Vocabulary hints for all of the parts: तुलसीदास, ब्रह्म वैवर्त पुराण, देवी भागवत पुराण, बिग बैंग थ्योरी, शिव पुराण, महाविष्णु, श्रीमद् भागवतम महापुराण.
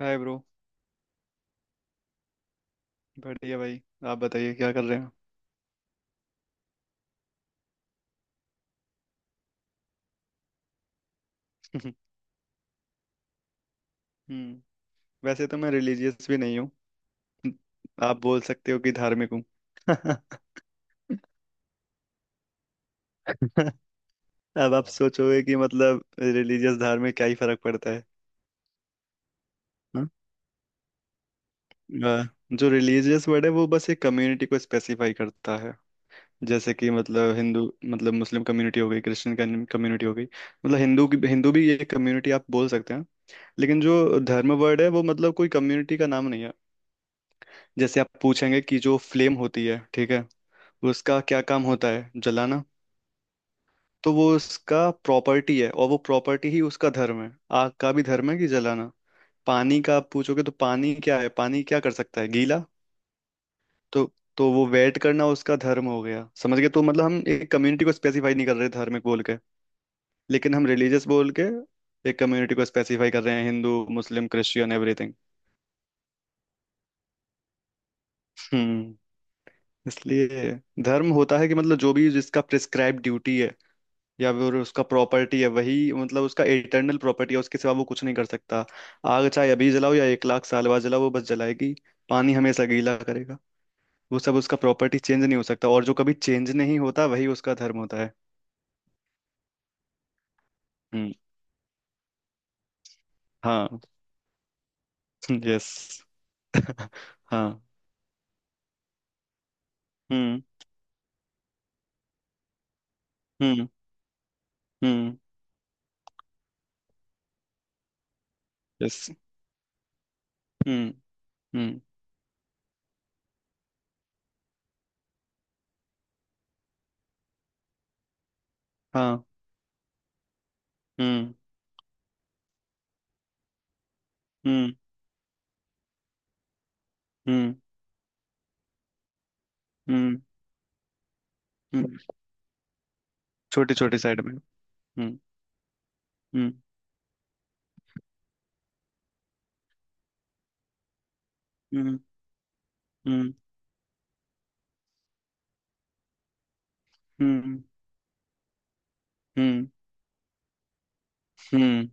हाय bro. बढ़िया भाई। आप बताइए क्या कर रहे हो? हम्म। वैसे तो मैं रिलीजियस भी नहीं हूँ। आप बोल सकते हो कि धार्मिक हूँ। अब आप हाँ। सोचोगे कि मतलब रिलीजियस धार्मिक क्या ही फर्क पड़ता है। हाँ। अ, जो रिलीजियस वर्ड है वो बस एक कम्युनिटी को स्पेसिफाई करता है। जैसे कि मतलब हिंदू, मतलब मुस्लिम कम्युनिटी हो गई, क्रिश्चियन कम्युनिटी हो गई, मतलब हिंदू की हिंदू भी ये कम्युनिटी आप बोल सकते हैं। लेकिन जो धर्म वर्ड है वो मतलब कोई कम्युनिटी का नाम नहीं है। जैसे आप पूछेंगे कि जो फ्लेम होती है ठीक है, उसका क्या काम होता है? जलाना। तो वो उसका प्रॉपर्टी है और वो प्रॉपर्टी ही उसका धर्म है। आग का भी धर्म है कि जलाना। पानी का आप पूछोगे तो पानी क्या है, पानी क्या कर सकता है? गीला। तो तो वो वेट करना उसका धर्म हो गया। समझ गए? तो मतलब हम एक कम्युनिटी को स्पेसिफाई नहीं कर रहे धार्मिक बोल के, लेकिन हम रिलीजियस बोल के एक कम्युनिटी को स्पेसिफाई कर रहे हैं। Hindu Muslim Christian everything. हम्म। इसलिए धर्म होता है कि मतलब जो भी जिसका प्रिस्क्राइब ड्यूटी है या फिर उसका प्रॉपर्टी है, वही मतलब उसका इटर्नल प्रॉपर्टी है, उसके सिवा वो कुछ नहीं कर सकता। आग चाहे अभी जलाओ या 1 लाख साल बाद जलाओ, वो बस जलाएगी। पानी हमेशा गीला करेगा। वो सब उसका प्रॉपर्टी चेंज नहीं हो सकता, और जो कभी चेंज नहीं होता वही उसका धर्म होता है। हम्म। हाँ। यस। हाँ। हम्म। हम्म। हम्म। यस। हम्म। हम्म। हाँ। हम्म। हम्म। हम्म। हम्म। हम्म। छोटी छोटी साइड में। हम्म। हम्म। हम्म। हम्म। हम्म। हम्म। हम्म।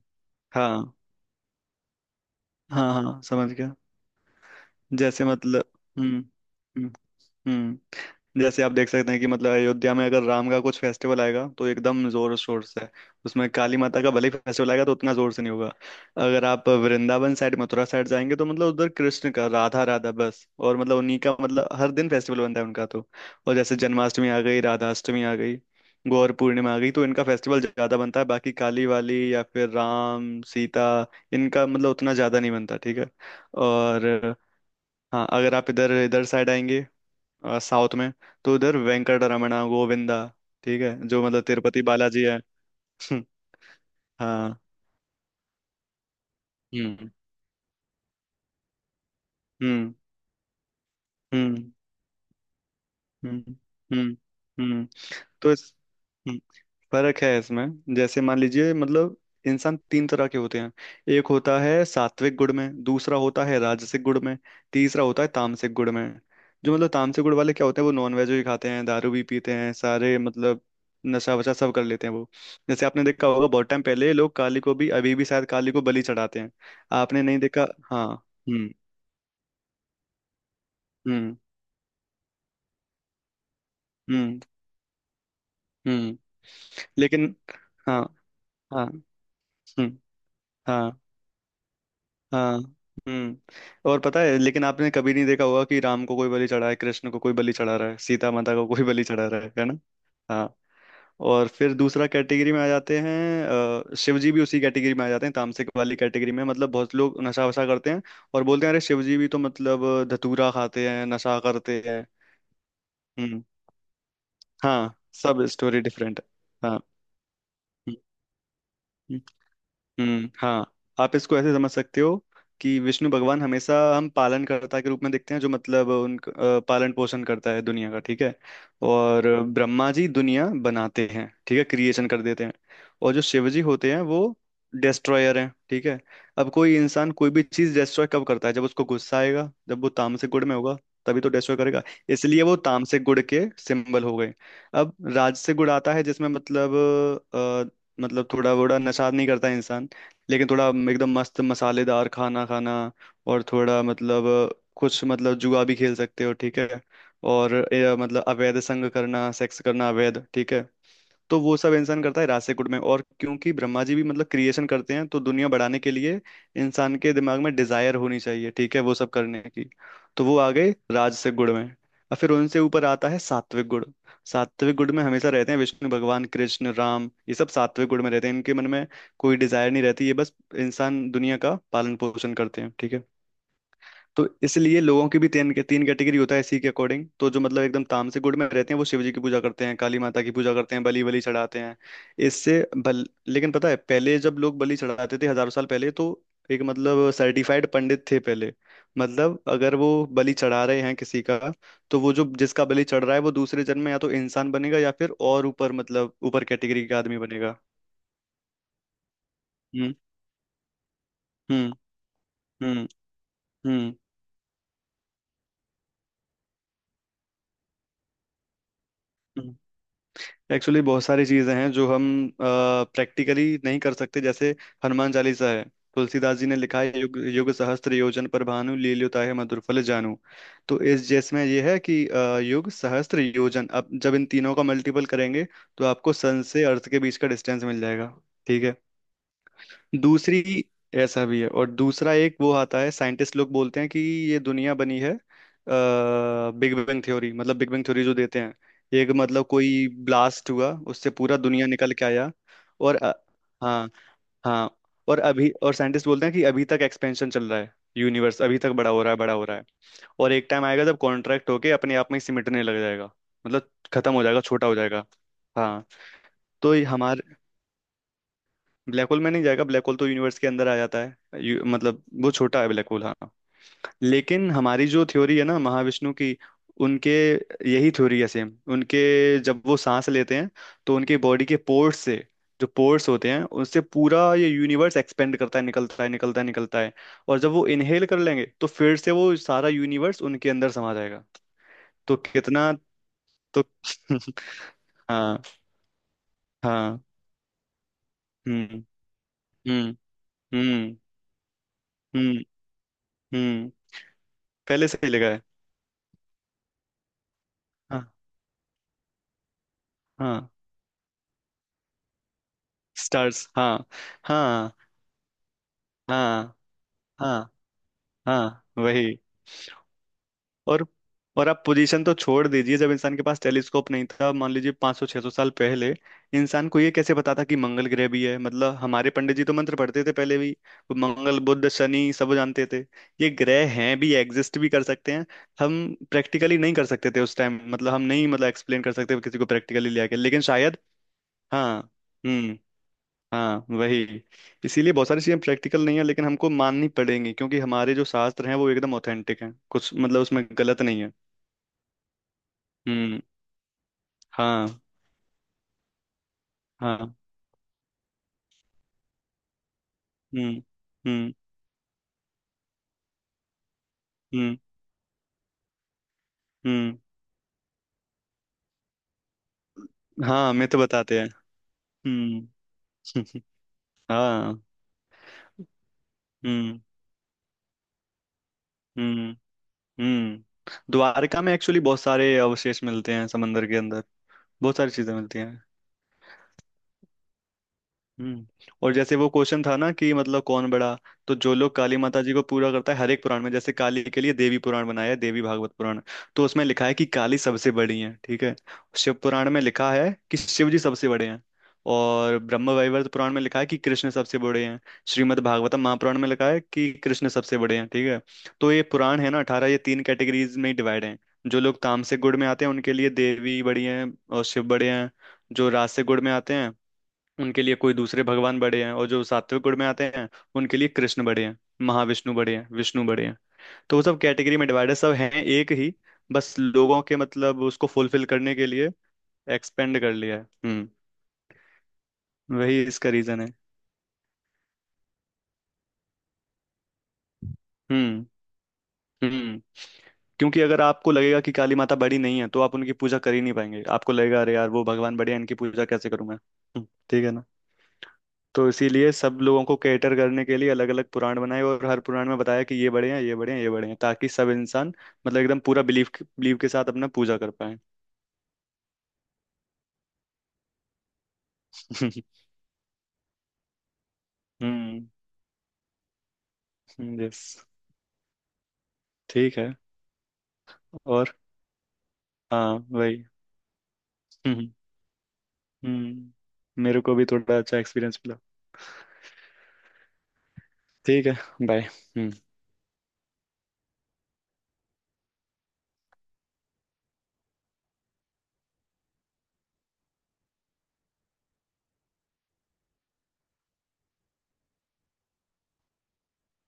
हाँ हाँ हाँ, समझ गया। जैसे मतलब, हम्म, हम्म, हम्म, जैसे आप देख सकते हैं कि मतलब अयोध्या में अगर राम का कुछ फेस्टिवल आएगा तो एकदम जोर शोर से। उसमें काली माता का भले ही फेस्टिवल आएगा तो उतना जोर से नहीं होगा। अगर आप वृंदावन साइड मथुरा साइड जाएंगे तो मतलब उधर कृष्ण का राधा राधा बस, और मतलब उन्हीं का मतलब हर दिन फेस्टिवल बनता है उनका तो। और जैसे जन्माष्टमी आ गई, राधाष्टमी आ गई, गौर पूर्णिमा आ गई, तो इनका फेस्टिवल ज्यादा बनता है। बाकी काली वाली या फिर राम सीता इनका मतलब उतना ज्यादा नहीं बनता, ठीक है। और हाँ, अगर आप इधर इधर साइड आएंगे, साउथ में, तो उधर वेंकट रमणा गोविंदा, ठीक है, जो मतलब तिरुपति बालाजी है। हाँ। हम्म। हम्म। हम्म। हम्म। हम्म। हम्म। तो इस, हम्म, फर्क है इसमें। जैसे मान लीजिए मतलब इंसान तीन तरह के होते हैं। एक होता है सात्विक गुण में, दूसरा होता है राजसिक गुण में, तीसरा होता है तामसिक गुण में। जो मतलब तामसिक गुण वाले क्या होते हैं, वो नॉनवेज भी खाते हैं, दारू भी पीते हैं, सारे मतलब नशा वशा सब कर लेते हैं वो। जैसे आपने देखा होगा, बहुत टाइम पहले लोग काली को भी, अभी भी शायद काली को बलि चढ़ाते हैं। आपने नहीं देखा हाँ। हम्म। हम्म। हम्म। हम्म। लेकिन हाँ हाँ। हम्म। हाँ हाँ। हम्म। और पता है, लेकिन आपने कभी नहीं देखा होगा कि राम को कोई बलि चढ़ा है, कृष्ण को कोई बलि चढ़ा रहा है, सीता माता को कोई बलि चढ़ा रहा है ना। हाँ। और फिर दूसरा कैटेगरी में आ जाते हैं। शिव जी भी उसी कैटेगरी में आ जाते हैं, तामसिक वाली कैटेगरी में। मतलब बहुत लोग नशा वशा करते हैं और बोलते हैं अरे शिव जी भी तो मतलब धतूरा खाते हैं नशा करते हैं। हम्म। हाँ सब स्टोरी डिफरेंट है। हाँ। हम्म। हम्म। हाँ। आप इसको ऐसे समझ सकते हो कि विष्णु भगवान हमेशा हम पालनकर्ता के रूप में देखते हैं, जो मतलब पालन पोषण करता है दुनिया का, ठीक है। और ब्रह्मा जी दुनिया बनाते हैं, ठीक है, क्रिएशन कर देते हैं। और जो शिव जी होते हैं वो डिस्ट्रॉयर हैं, ठीक है। अब कोई इंसान कोई भी चीज डिस्ट्रॉय कब करता है? जब उसको गुस्सा आएगा, जब वो तामसिक गुण में होगा, तभी तो डिस्ट्रॉय करेगा। इसलिए वो तामसिक गुण के सिंबल हो गए। अब राजसिक गुण आता है जिसमें मतलब, अ, मतलब थोड़ा बड़ा नशा नहीं करता इंसान, लेकिन थोड़ा एकदम मस्त मसालेदार खाना खाना, और थोड़ा मतलब कुछ मतलब जुआ भी खेल सकते हो, ठीक है। और मतलब अवैध संग करना, सेक्स करना अवैध, ठीक है। तो वो सब इंसान करता है रासेकुट में। और क्योंकि ब्रह्मा जी भी मतलब क्रिएशन करते हैं, तो दुनिया बढ़ाने के लिए इंसान के दिमाग में डिजायर होनी चाहिए, ठीक है, वो सब करने की। तो वो आ गए राजसिक गुण में। और फिर उनसे ऊपर आता है सात्विक गुण। सात्विक गुण में हमेशा रहते हैं विष्णु भगवान, कृष्ण, राम, ये सब सात्विक गुण में रहते हैं। इनके मन में कोई डिजायर नहीं रहती, ये बस इंसान दुनिया का पालन पोषण करते हैं, ठीक है। तो इसलिए लोगों की भी तीन तीन कैटेगरी होता है इसी के अकॉर्डिंग। तो जो मतलब एकदम तामसिक गुण में रहते हैं वो शिव जी की पूजा करते हैं, काली माता की पूजा करते हैं, बलि बलि चढ़ाते हैं। इससे बल, लेकिन पता है पहले जब लोग बलि चढ़ाते थे हजारों साल पहले, तो एक मतलब सर्टिफाइड पंडित थे पहले। मतलब अगर वो बलि चढ़ा रहे हैं किसी का, तो वो जो जिसका बलि चढ़ रहा है वो दूसरे जन्म में या तो इंसान बनेगा या फिर और ऊपर मतलब ऊपर कैटेगरी का आदमी बनेगा। हम्म। हम्म। हम्म। हम्म। हम्म। एक्चुअली बहुत सारी चीजें हैं जो हम प्रैक्टिकली नहीं कर सकते। जैसे हनुमान चालीसा है, तुलसीदास जी ने लिखा है युग युग सहस्त्र योजन पर भानु लील्यो ताहि मधुर फल जानू। तो इस जिसमें ये है कि युग सहस्त्र योजन, अब जब इन तीनों का मल्टीपल करेंगे तो आपको सन से अर्थ के बीच का डिस्टेंस मिल जाएगा, ठीक है। दूसरी ऐसा भी है। और दूसरा एक वो आता है साइंटिस्ट लोग बोलते हैं कि ये दुनिया बनी है बिग बैंग थ्योरी, मतलब बिग बैंग थ्योरी जो देते हैं, एक मतलब कोई ब्लास्ट हुआ उससे पूरा दुनिया निकल के आया। और हाँ हाँ। और अभी और साइंटिस्ट बोलते हैं कि अभी तक एक्सपेंशन चल रहा है, यूनिवर्स अभी तक बड़ा हो रहा है बड़ा हो रहा है। और एक टाइम आएगा जब कॉन्ट्रैक्ट होके अपने आप में ही सिमटने लग जाएगा, मतलब खत्म हो जाएगा छोटा हो जाएगा। हाँ। तो ये हमारे ब्लैक होल में नहीं जाएगा। ब्लैक होल तो यूनिवर्स के अंदर आ जाता है। मतलब वो छोटा है ब्लैक होल हाँ। लेकिन हमारी जो थ्योरी है ना महाविष्णु की, उनके यही थ्योरी है सेम, उनके जब वो सांस लेते हैं तो उनके बॉडी के पोर्स से, जो पोर्स होते हैं उससे पूरा ये यूनिवर्स एक्सपेंड करता है, निकलता है निकलता है निकलता है। और जब वो इनहेल कर लेंगे तो फिर से वो सारा यूनिवर्स उनके अंदर समा जाएगा। तो कितना, तो हाँ। हाँ। हम्म। हम्म। हम्म। हम्म। हम्म। पहले से ही लगा है। हाँ। हाँ। स्टार्स हाँ। हाँ हाँ हाँ हाँ। वही। और और आप पोजीशन तो छोड़ दीजिए। जब इंसान के पास टेलीस्कोप नहीं था, मान लीजिए 500 600 साल पहले, इंसान को ये कैसे पता था कि मंगल ग्रह भी है। मतलब हमारे पंडित जी तो मंत्र पढ़ते थे पहले भी, वो मंगल बुध शनि सब जानते थे। ये ग्रह हैं भी, एग्जिस्ट भी कर सकते हैं, हम प्रैक्टिकली नहीं कर सकते थे उस टाइम। मतलब हम नहीं मतलब एक्सप्लेन कर सकते किसी को प्रैक्टिकली ले आके, लेकिन शायद हाँ। हम्म। हाँ वही। इसीलिए बहुत सारी चीजें प्रैक्टिकल नहीं है, लेकिन हमको माननी पड़ेंगी, क्योंकि हमारे जो शास्त्र हैं वो एकदम ऑथेंटिक हैं, कुछ मतलब उसमें गलत नहीं है। हम्म। हाँ। हाँ। हम्म। हम्म। हम्म। हम्म। हाँ मैं तो बताते हैं। हम्म। हाँ। हम्म। हम्म। हम्म। द्वारका में एक्चुअली बहुत सारे अवशेष मिलते हैं समंदर के अंदर, बहुत सारी चीजें मिलती हैं। हम्म। और जैसे वो क्वेश्चन था ना कि मतलब कौन बड़ा, तो जो लोग काली माता जी को पूरा करता है हर एक पुराण में। जैसे काली के लिए देवी पुराण बनाया है, देवी भागवत पुराण, तो उसमें लिखा है कि काली सबसे बड़ी है, ठीक है। शिव पुराण में लिखा है कि शिव जी सबसे बड़े हैं। और ब्रह्म वैवर्त पुराण में लिखा है कि कृष्ण सबसे बड़े हैं। श्रीमद् भागवतम महापुराण में लिखा है कि कृष्ण सबसे बड़े हैं, ठीक है। तो ये पुराण है ना 18, ये तीन कैटेगरीज में डिवाइड हैं। जो लोग तामसिक गुण में आते हैं उनके लिए देवी बड़ी हैं और शिव बड़े हैं। जो राजसिक गुण में आते हैं उनके लिए कोई दूसरे भगवान बड़े हैं। और जो सात्विक गुण में आते हैं उनके लिए कृष्ण बड़े हैं, महाविष्णु बड़े हैं, विष्णु बड़े हैं। तो वो सब कैटेगरी में डिवाइडेड सब हैं एक ही, बस लोगों के मतलब उसको फुलफिल करने के लिए एक्सपेंड कर लिया है। हम्म। वही इसका रीजन है। हम्म। हम्म। क्योंकि अगर आपको लगेगा कि काली माता बड़ी नहीं है तो आप उनकी पूजा कर ही नहीं पाएंगे, आपको लगेगा अरे यार वो भगवान बड़े हैं इनकी पूजा कैसे करूं मैं, ठीक है ना। तो इसीलिए सब लोगों को कैटर करने के लिए अलग अलग पुराण बनाए, और हर पुराण में बताया कि ये बड़े हैं ये बड़े हैं ये बड़े हैं, ताकि सब इंसान मतलब एकदम पूरा बिलीफ बिलीव के साथ अपना पूजा कर पाए। हम्म। यस। ठीक है। और हाँ वही। हम्म। मेरे को भी थोड़ा अच्छा एक्सपीरियंस मिला। ठीक है। बाय हम्म।